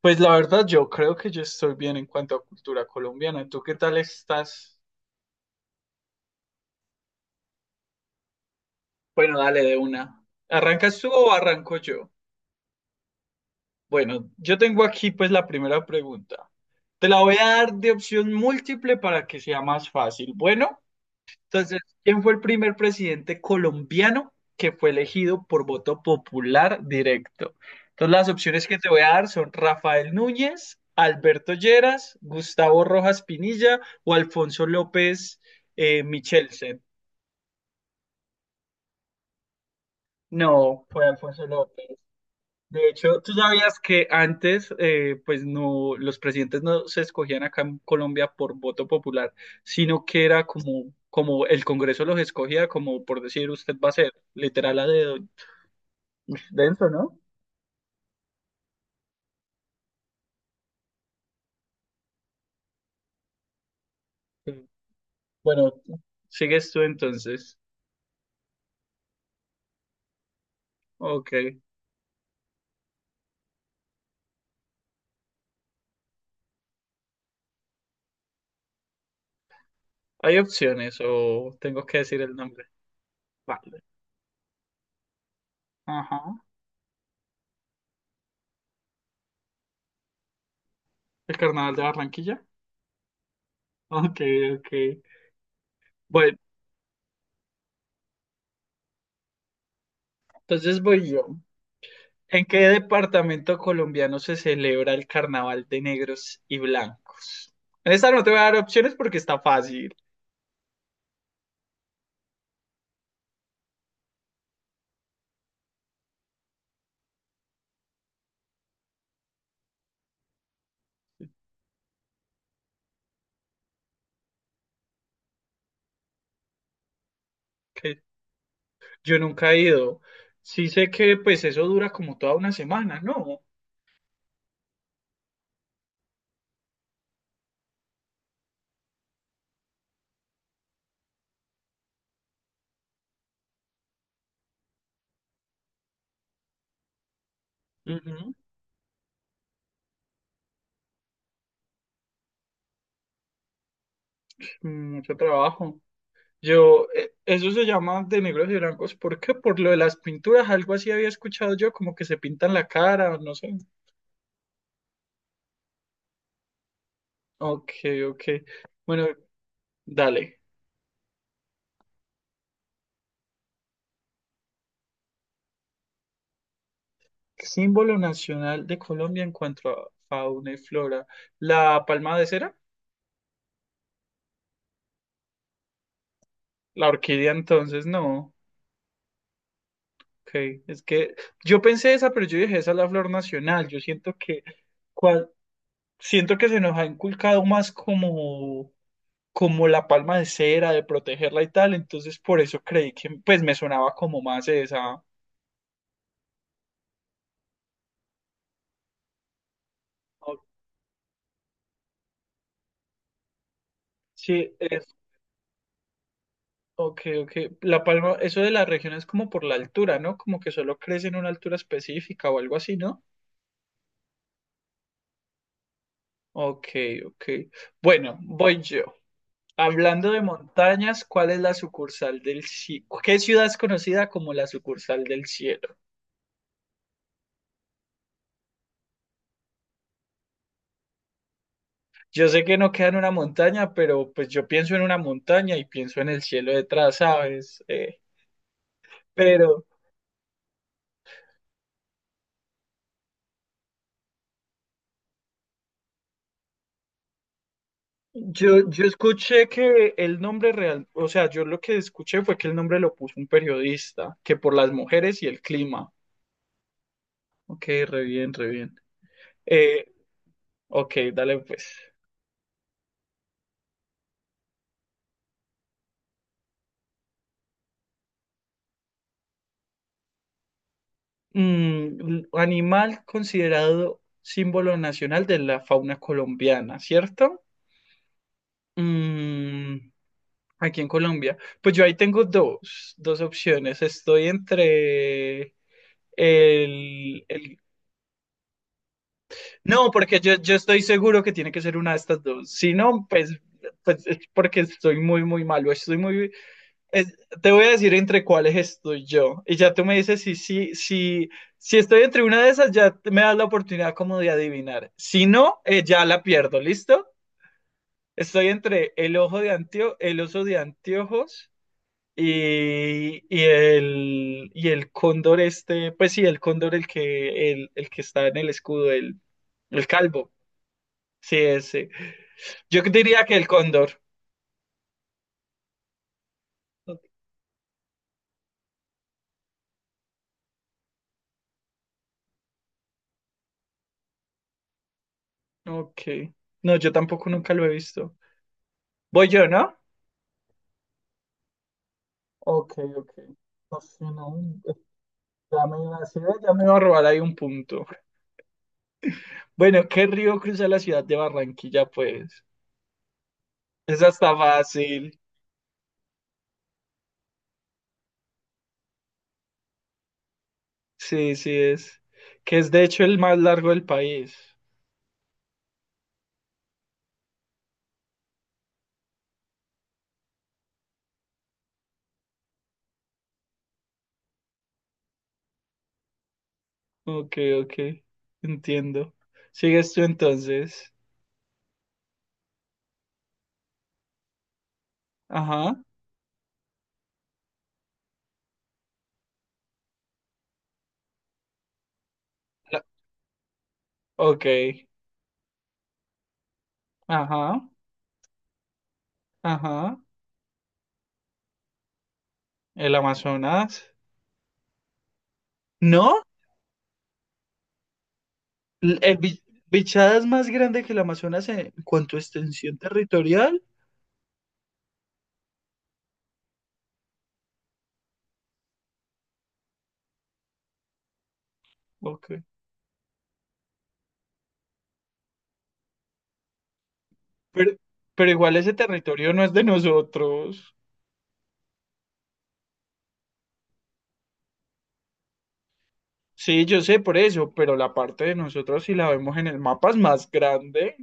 Pues la verdad, yo creo que yo estoy bien en cuanto a cultura colombiana. ¿Tú qué tal estás? Bueno, dale de una. ¿Arrancas tú o arranco yo? Bueno, yo tengo aquí pues la primera pregunta. Te la voy a dar de opción múltiple para que sea más fácil. Bueno, entonces, ¿quién fue el primer presidente colombiano que fue elegido por voto popular directo? Entonces, las opciones que te voy a dar son Rafael Núñez, Alberto Lleras, Gustavo Rojas Pinilla o Alfonso López Michelsen. No, fue Alfonso López. De hecho, tú sabías que antes, pues no, los presidentes no se escogían acá en Colombia por voto popular, sino que era como el Congreso los escogía, como por decir, usted va a ser literal a dedo denso, ¿no? Sí. Bueno, sigues tú entonces. Ok. ¿Hay opciones o tengo que decir el nombre? Vale. Ajá. ¿El Carnaval de Barranquilla? Ok, ok. Bueno, entonces voy yo. ¿En qué departamento colombiano se celebra el Carnaval de Negros y Blancos? En esta no te voy a dar opciones porque está fácil. Que yo nunca he ido. Sí sé que pues eso dura como toda una semana, ¿no? Ujú, mucho trabajo. Yo, eso se llama de negros y blancos. ¿Por qué? Por lo de las pinturas, algo así había escuchado yo, como que se pintan la cara, no sé. Ok, ok. Bueno, dale. Símbolo nacional de Colombia en cuanto a fauna y flora. ¿La palma de cera? La orquídea entonces, no. Ok, es que yo pensé esa, pero yo dije, esa es la flor nacional. Yo siento que, cual- siento que se nos ha inculcado más como, como la palma de cera, de protegerla y tal. Entonces por eso creí que pues me sonaba como más esa. Ok, sí, es, ok, ok. La palma, eso de la región es como por la altura, ¿no? Como que solo crece en una altura específica o algo así, ¿no? Ok, ok. Bueno, voy yo. Hablando de montañas, ¿cuál es la sucursal del cielo? ¿Qué ciudad es conocida como la sucursal del cielo? Yo sé que no queda en una montaña, pero pues yo pienso en una montaña y pienso en el cielo detrás, ¿sabes? Pero yo escuché que el nombre real, o sea, yo lo que escuché fue que el nombre lo puso un periodista, que por las mujeres y el clima. Ok, re bien, re bien. Eh, ok, dale pues. Mm, un animal considerado símbolo nacional de la fauna colombiana, ¿cierto? Mm, aquí en Colombia. Pues yo ahí tengo dos, dos opciones. Estoy entre el. No, porque yo estoy seguro que tiene que ser una de estas dos. Si no, pues, pues es porque estoy muy, muy malo. Estoy muy, Es- te voy a decir entre cuáles estoy yo. Y ya tú me dices si estoy entre una de esas, ya me das la oportunidad como de adivinar. Si no, ya la pierdo, ¿listo? Estoy entre el ojo de Antio, el oso de anteojos y el cóndor este, pues sí, el cóndor el que está en el escudo, el calvo. Sí, ese. Yo diría que el cóndor. Ok. No, yo tampoco nunca lo he visto. Voy yo, ¿no? Ok, ok. No sé, no. Ya me iba a decir, ya me iba a robar ahí un punto". Bueno, ¿qué río cruza la ciudad de Barranquilla, pues? Esa está fácil. Sí, sí es. Que es de hecho el más largo del país. Ok, ok. Entiendo. Sigues tú entonces. Ajá. La- ok. Ajá. Ajá. El Amazonas. ¿No? ¿El Bichada es más grande que el Amazonas en cuanto a extensión territorial? Ok. Pero, pero igual ese territorio no es de nosotros. Sí, yo sé por eso, pero la parte de nosotros, si la vemos en el mapa, es más grande.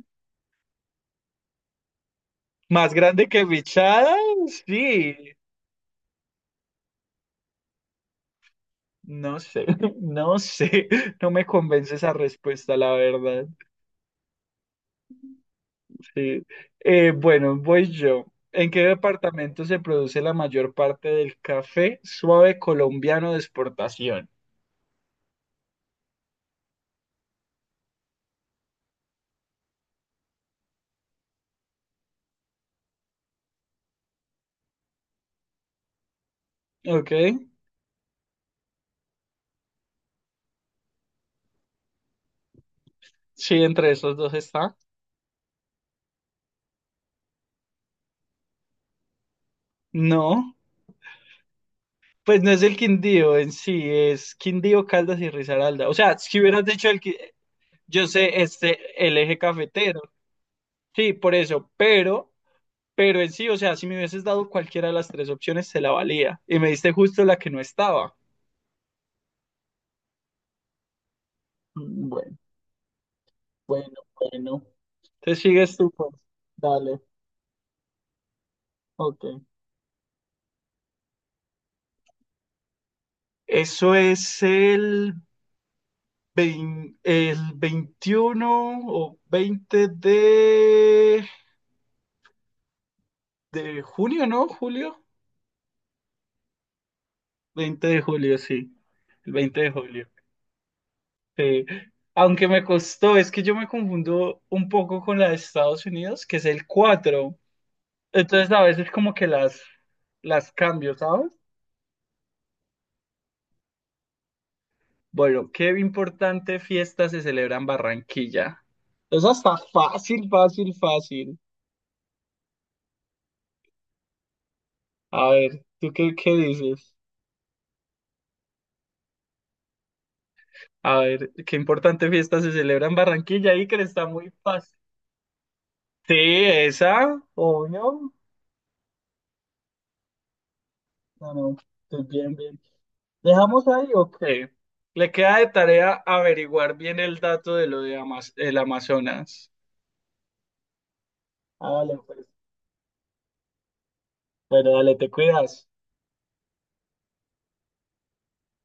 Más grande que Bichada, sí. No sé, no sé. No me convence esa respuesta, la verdad. Sí. Bueno, voy yo. ¿En qué departamento se produce la mayor parte del café suave colombiano de exportación? Ok. Sí, entre esos dos está. No. Pues no es el Quindío en sí, es Quindío, Caldas y Risaralda. O sea, si hubieras dicho el que yo sé este el eje cafetero. Sí, por eso, pero en sí, o sea, si me hubieses dado cualquiera de las tres opciones se la valía y me diste justo la que no estaba. Mm, bueno, bueno, bueno. Entonces sigues tú, pues. Dale, ok. Eso es el el 21 o 20 de junio, ¿no? Julio. 20 de julio, sí. El 20 de julio. Sí. Aunque me costó, es que yo me confundo un poco con la de Estados Unidos, que es el 4. Entonces a veces como que las cambio, ¿sabes? Bueno, ¿qué importante fiesta se celebra en Barranquilla? Esa está fácil, fácil, fácil. A ver, ¿tú qué dices? A ver, ¿qué importante fiesta se celebra en Barranquilla? Y que está muy fácil. Sí, esa, obvio. No, no, estoy bien, bien. ¿Dejamos ahí o qué? Le queda de tarea averiguar bien el dato de lo de el Amazonas. Ah, vale, pues. Bueno, dale, te cuidas.